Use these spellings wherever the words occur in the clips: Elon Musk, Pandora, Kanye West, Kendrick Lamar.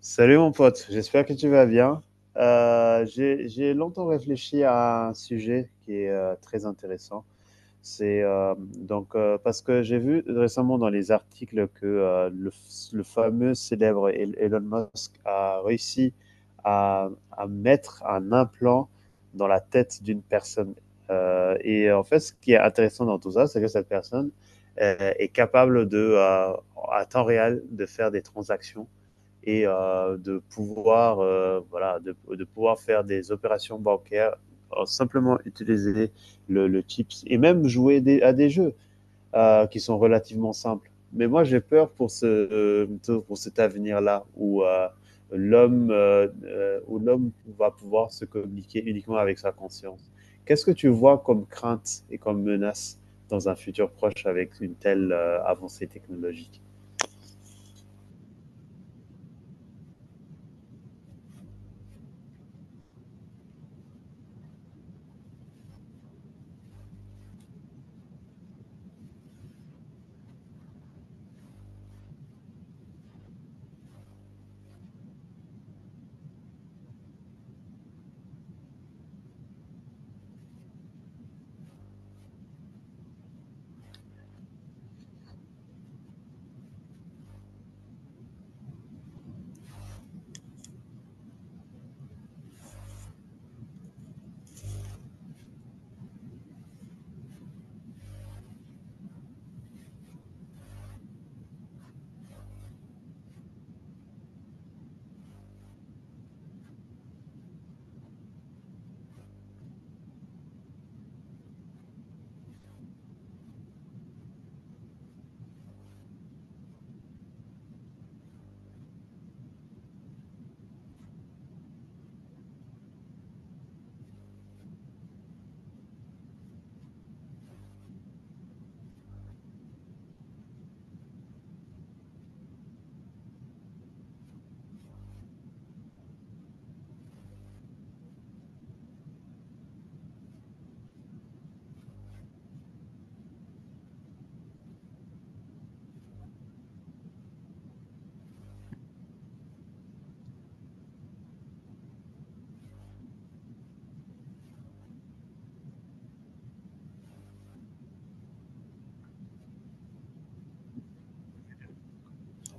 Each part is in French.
Salut mon pote, j'espère que tu vas bien. J'ai longtemps réfléchi à un sujet qui est très intéressant. C'est donc Parce que j'ai vu récemment dans les articles que le fameux célèbre Elon Musk a réussi à mettre un implant dans la tête d'une personne. Et en fait, ce qui est intéressant dans tout ça, c'est que cette personne est capable de, à temps réel, de faire des transactions et de pouvoir de pouvoir faire des opérations bancaires en simplement utiliser le chips et même jouer des, à des jeux qui sont relativement simples. Mais moi, j'ai peur pour cet avenir-là où l'homme où l'homme va pouvoir se communiquer uniquement avec sa conscience. Qu'est-ce que tu vois comme crainte et comme menace dans un futur proche avec une telle avancée technologique.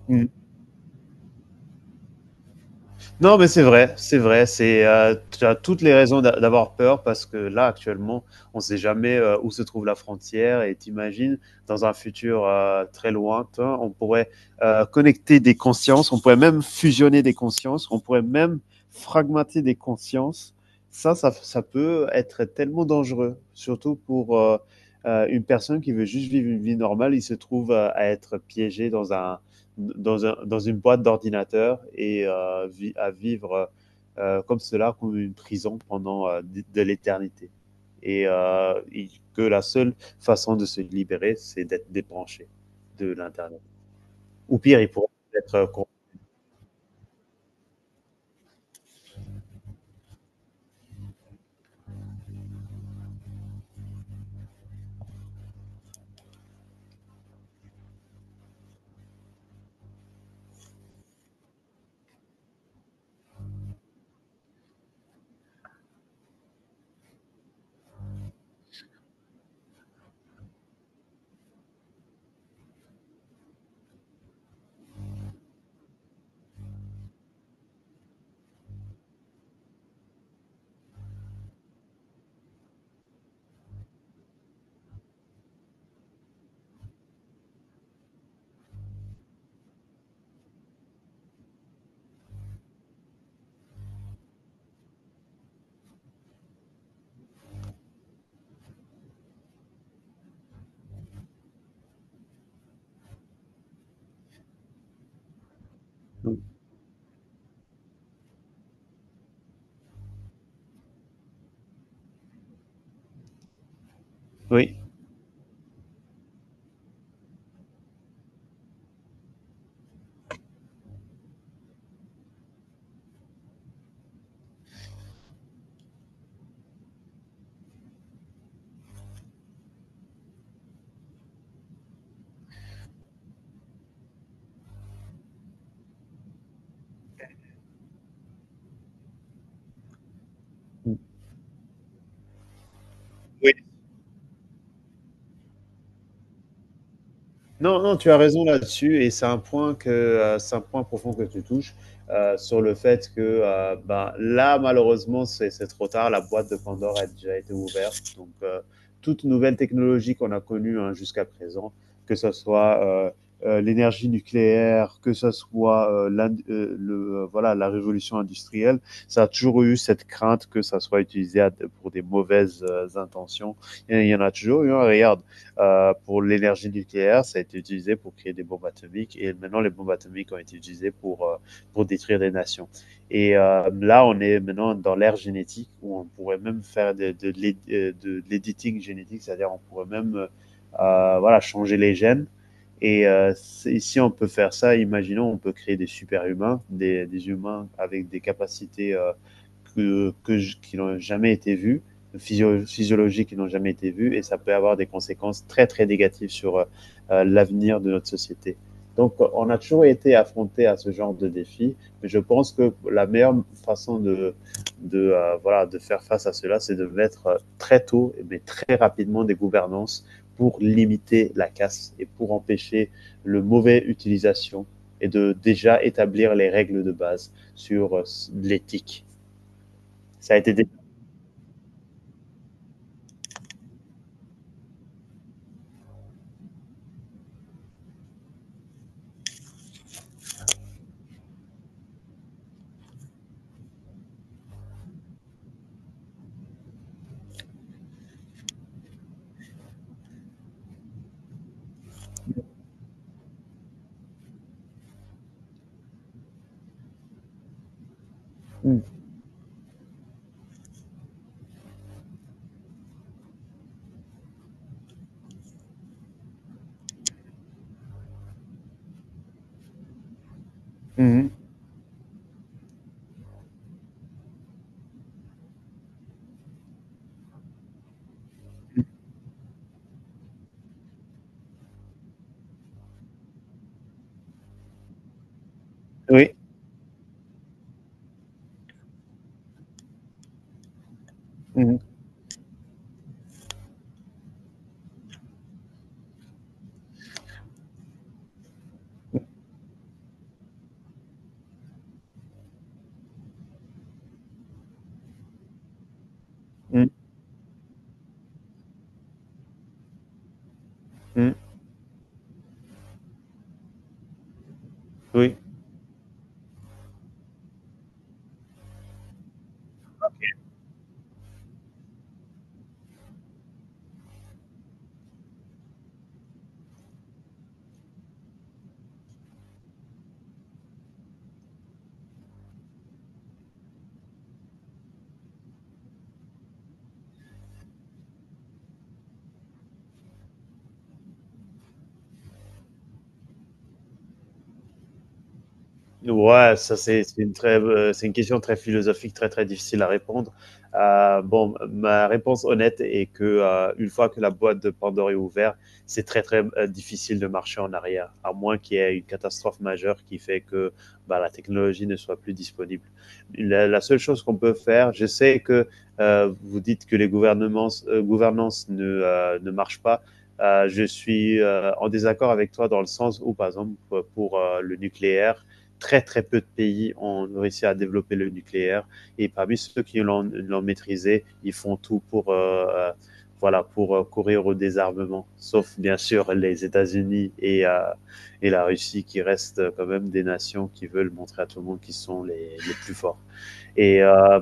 Mm. Non, mais c'est vrai, c'est vrai. C'est, tu as toutes les raisons d'avoir peur parce que là, actuellement, on ne sait jamais où se trouve la frontière. Et t'imagines, dans un futur très lointain, on pourrait connecter des consciences, on pourrait même fusionner des consciences, on pourrait même fragmenter des consciences. Ça peut être tellement dangereux, surtout pour une personne qui veut juste vivre une vie normale. Il se trouve à être piégé dans dans une boîte d'ordinateur et à vivre comme cela, comme une prison pendant de l'éternité. Et que la seule façon de se libérer, c'est d'être débranché de l'Internet. Ou pire, il pourrait être... Oui. Oui, Non, non, tu as raison là-dessus et c'est un point que, c'est un point profond que tu touches, sur le fait que, bah, là, malheureusement, c'est trop tard. La boîte de Pandore a déjà été ouverte donc toute nouvelle technologie qu'on a connue, hein, jusqu'à présent, que ce soit, heu l'énergie nucléaire, que ce soit, la révolution industrielle, ça a toujours eu cette crainte que ça soit utilisé à pour des mauvaises, intentions. Il y en a toujours eu, hein. Regarde, pour l'énergie nucléaire, ça a été utilisé pour créer des bombes atomiques et maintenant les bombes atomiques ont été utilisées pour détruire des nations. Et là, on est maintenant dans l'ère génétique où on pourrait même faire de l'éditing génétique, c'est-à-dire on pourrait même voilà, changer les gènes. Et si on peut faire ça, imaginons, on peut créer des super-humains, humains avec des capacités qui n'ont jamais été vues, physiologiques qui n'ont jamais été vues et ça peut avoir des conséquences très très négatives sur l'avenir de notre société. Donc on a toujours été affronté à ce genre de défi, mais je pense que la meilleure façon de faire face à cela, c'est de mettre très tôt, mais très rapidement des gouvernances pour limiter la casse et pour empêcher le mauvais utilisation et de déjà établir les règles de base sur l'éthique. Ça a été des... mm -hmm. Oui. Mm. Mm, mm, oui. Ouais, ça c'est une très, c'est une question très philosophique, très, très difficile à répondre. Bon, ma réponse honnête est que, une fois que la boîte de Pandore est ouverte, c'est très, très, difficile de marcher en arrière, à moins qu'il y ait une catastrophe majeure qui fait que, bah, la technologie ne soit plus disponible. La seule chose qu'on peut faire, je sais que, vous dites que les gouvernements gouvernances ne marchent pas. Je suis, en désaccord avec toi dans le sens où, par exemple, pour, le nucléaire, très très peu de pays ont réussi à développer le nucléaire et parmi ceux qui l'ont maîtrisé, ils font tout pour voilà pour courir au désarmement, sauf bien sûr les États-Unis et la Russie qui restent quand même des nations qui veulent montrer à tout le monde qu'ils sont les plus forts. Et euh,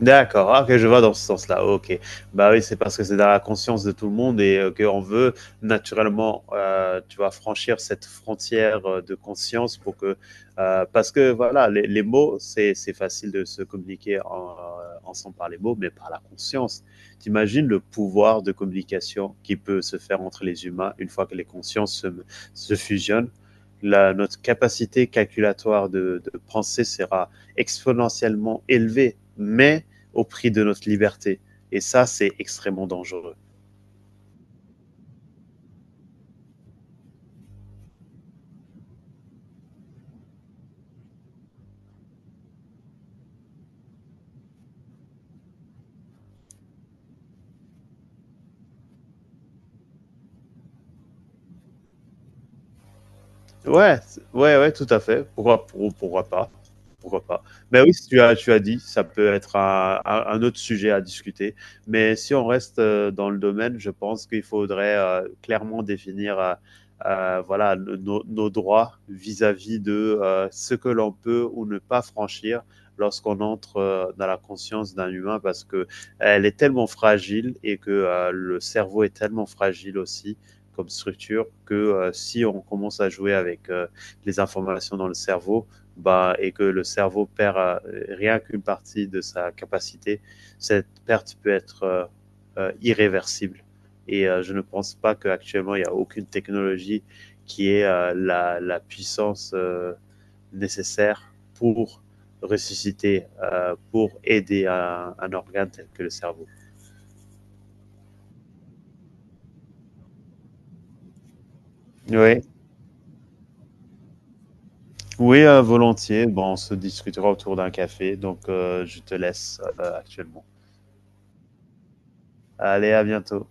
D'accord, ah, ok, je vois dans ce sens-là, ok. Bah oui, c'est parce que c'est dans la conscience de tout le monde et qu'on veut naturellement, tu vois, franchir cette frontière de conscience pour que, parce que voilà, les mots, c'est facile de se communiquer en, ensemble par les mots, mais par la conscience. T'imagines le pouvoir de communication qui peut se faire entre les humains une fois que se fusionnent. Notre capacité calculatoire de penser sera exponentiellement élevée, mais au prix de notre liberté. Et ça, c'est extrêmement dangereux. Ouais, ouais, tout à fait. Pourquoi pas? Pourquoi pas? Mais oui, tu as dit, ça peut être un autre sujet à discuter. Mais si on reste dans le domaine, je pense qu'il faudrait clairement définir nos droits vis-à-vis de ce que l'on peut ou ne pas franchir lorsqu'on entre dans la conscience d'un humain parce que elle est tellement fragile et que le cerveau est tellement fragile aussi comme structure que si on commence à jouer avec les informations dans le cerveau, bah, et que le cerveau perd rien qu'une partie de sa capacité, cette perte peut être irréversible. Et je ne pense pas qu'actuellement il n'y a aucune technologie qui ait puissance nécessaire pour ressusciter, pour aider à un organe tel que le cerveau. Oui, Oui, volontiers. Bon, on se discutera autour d'un café, donc je te laisse actuellement. Allez, à bientôt.